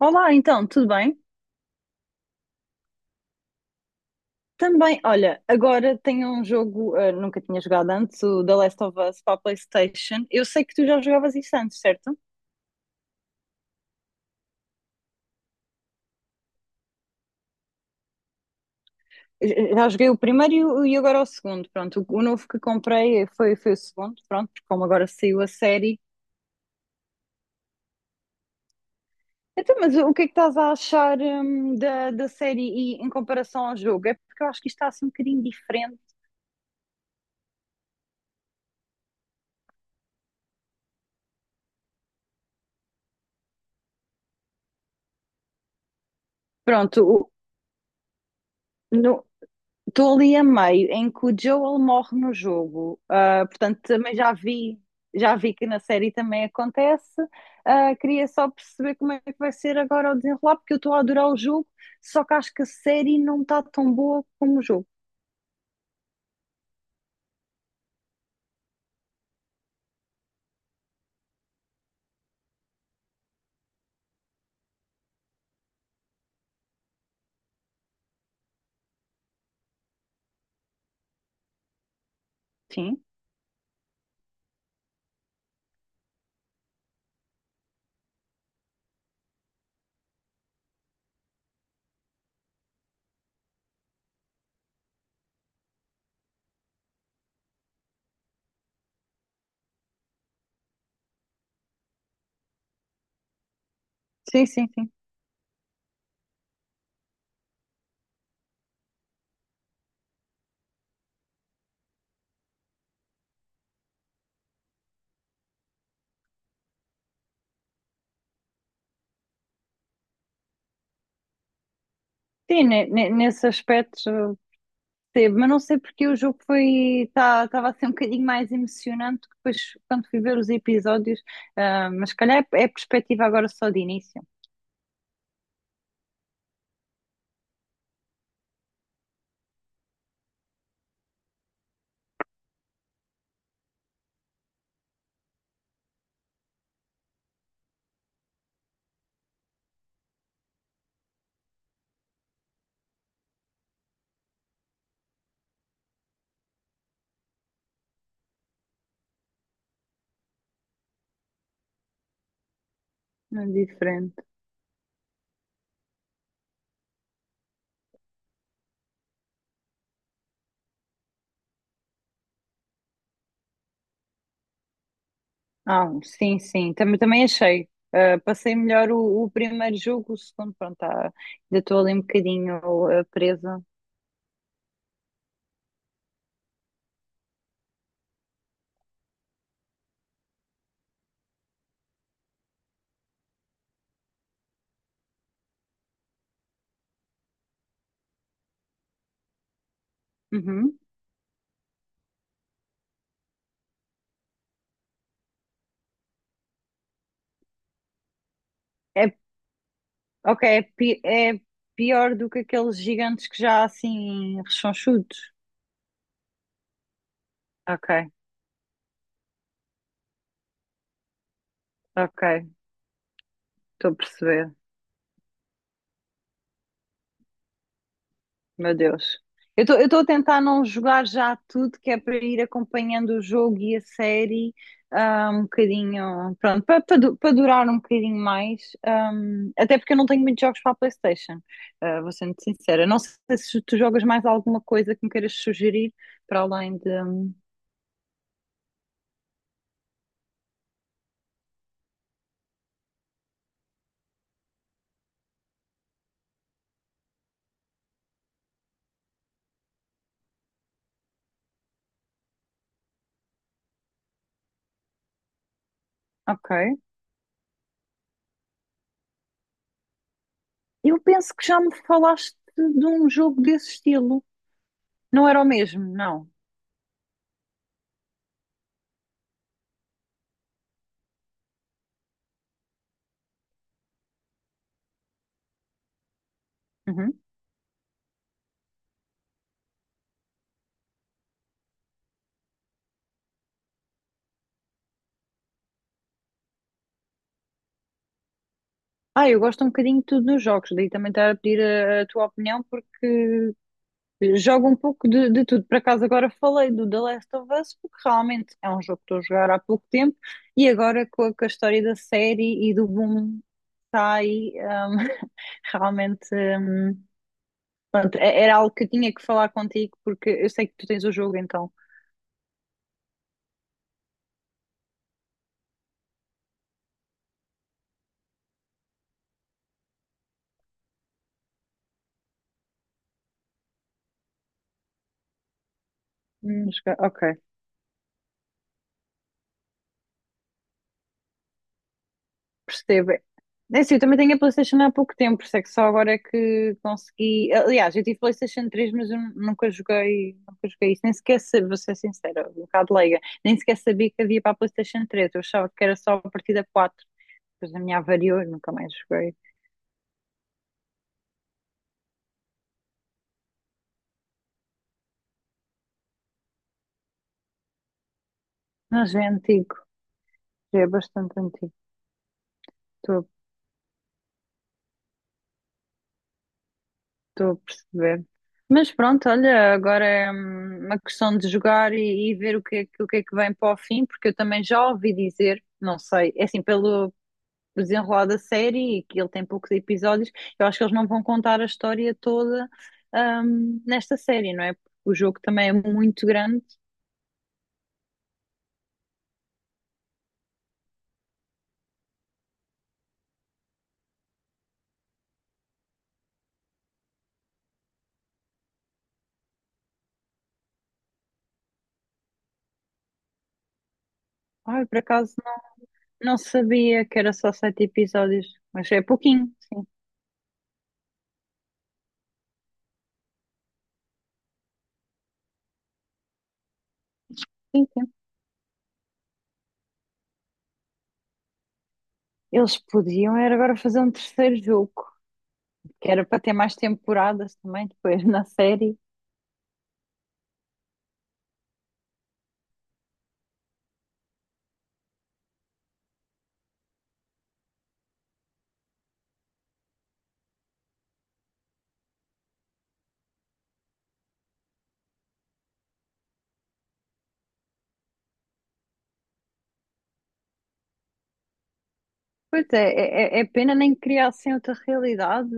Olá, então, tudo bem? Também, olha, agora tenho um jogo, nunca tinha jogado antes, o The Last of Us para a PlayStation. Eu sei que tu já jogavas isso antes, certo? Já joguei o primeiro e agora o segundo, pronto. O novo que comprei foi o segundo, pronto, porque como agora saiu a série. Então, mas o que é que estás a achar, da série e em comparação ao jogo? É porque eu acho que isto está assim um bocadinho diferente. Pronto, o, no- estou ali a meio em que o Joel morre no jogo. Ah, portanto também já vi que na série também acontece. Ah, queria só perceber como é que vai ser agora o desenrolar, porque eu estou a adorar o jogo, só que acho que a série não está tão boa como o jogo. Sim, sim, sim, sim. Sim, nesse aspecto, ah, teve, mas não sei porque o jogo foi, estava a ser um bocadinho mais emocionante que depois quando fui ver os episódios. Ah, mas se calhar é, é perspectiva agora só de início, não é diferente. Ah, sim, sim, também, também achei. Ah, passei melhor o primeiro jogo. O segundo, pronto, tá, ainda estou ali um bocadinho, ah, presa. Uhum. É, ok, é pior do que aqueles gigantes que já há, assim rechonchudos. Ok, ok, estou a perceber. Meu Deus. Eu estou a tentar não jogar já tudo, que é para ir acompanhando o jogo e a série, ah, um bocadinho, pronto, para durar um bocadinho mais. Até porque eu não tenho muitos jogos para a PlayStation, ah, vou ser muito sincera. Não sei se tu jogas mais alguma coisa que me queiras sugerir, para além de. Ok. Eu penso que já me falaste de um jogo desse estilo. Não era o mesmo, não. Uhum. Ah, eu gosto um bocadinho de tudo nos jogos, daí também estar a pedir a tua opinião, porque jogo um pouco de tudo. Por acaso agora falei do The Last of Us, porque realmente é um jogo que estou a jogar há pouco tempo e agora com a história da série e do boom que está aí, realmente, pronto, era algo que eu tinha que falar contigo porque eu sei que tu tens o jogo então. Ok. Percebo. É assim, eu também tenho a PlayStation há pouco tempo, por isso é que só agora é que consegui. Aliás, eu tive PlayStation três, mas eu nunca joguei, nunca joguei isso. Nem sequer sabia, vou ser sincera, um bocado leiga, nem sequer sabia que havia para a PlayStation três. Eu achava que era só a partida quatro. Depois a minha avariou e nunca mais joguei. Mas já é antigo, já é bastante antigo, estou estou a perceber. Mas pronto, olha, agora é, uma questão de jogar e ver o que é que vem para o fim, porque eu também já ouvi dizer, não sei, é assim, pelo o desenrolar da série e que ele tem poucos episódios, eu acho que eles não vão contar a história toda, nesta série, não é? Porque o jogo também é muito grande. Ai, por acaso não, não sabia que era só 7 episódios, mas é pouquinho, sim. Sim, sim. Eles podiam era agora fazer um terceiro jogo, que era para ter mais temporadas também depois na série. Pois é, é, é é pena nem criar assim outra realidade,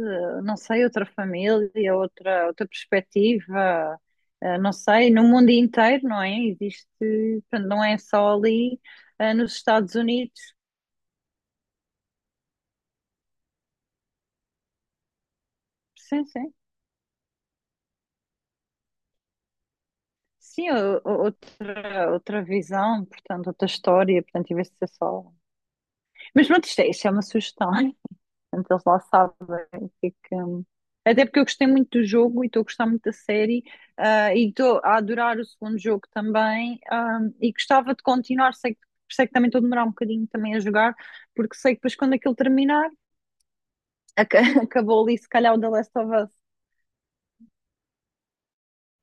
não sei, outra família, outra, outra perspectiva, eh, não sei, no mundo inteiro, não é? Existe, portanto, não é só ali, eh, nos Estados Unidos. Sim, sim. Sim, outra, outra visão, portanto, outra história, portanto, em vez de ser só um. Mas pronto, isto é uma sugestão. Portanto, eles lá sabem o que é que. Até porque eu gostei muito do jogo e estou a gostar muito da série, ah, e estou a adorar o segundo jogo também, ah, e gostava de continuar, sei que também estou a demorar um bocadinho também a jogar, porque sei que depois quando aquilo terminar, acabou ali se calhar o The Last of Us.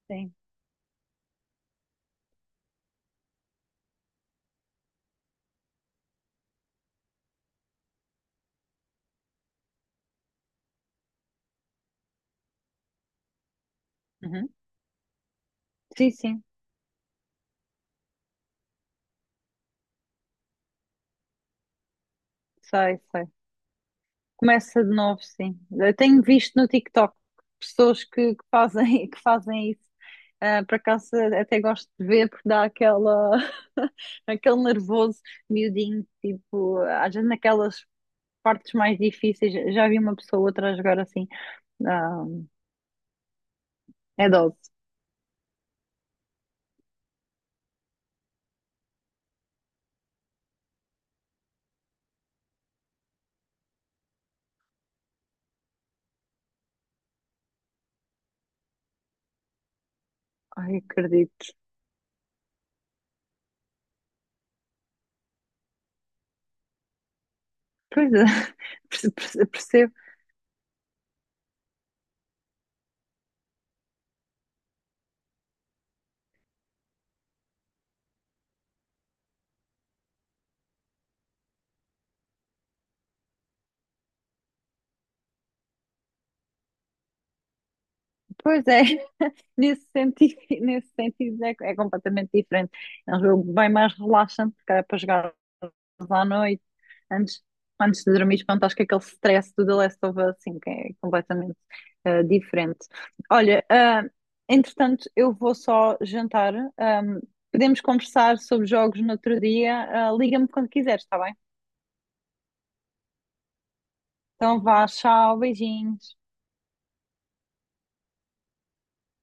Sim. Uhum. Sim, sim. Sei, sei. Começa de novo, sim. Eu tenho visto no TikTok pessoas que fazem, que fazem isso. Ah, por acaso até gosto de ver porque dá aquela, aquele nervoso miudinho, tipo, às vezes naquelas partes mais difíceis. Já vi uma pessoa ou outra a jogar assim. Ah, é dose. Ai, acredito. Pois é, percebo. Pois é, nesse sentido, nesse sentido é, é completamente diferente. É um jogo bem mais relaxante, porque é para jogar à noite, antes, antes de dormir, pronto, acho que aquele stress do The Last of Us, assim, que é completamente, eh, diferente. Olha, ah, entretanto, eu vou só jantar. Podemos conversar sobre jogos no outro dia. Ah, liga-me quando quiseres, está bem? Então vá, tchau, beijinhos.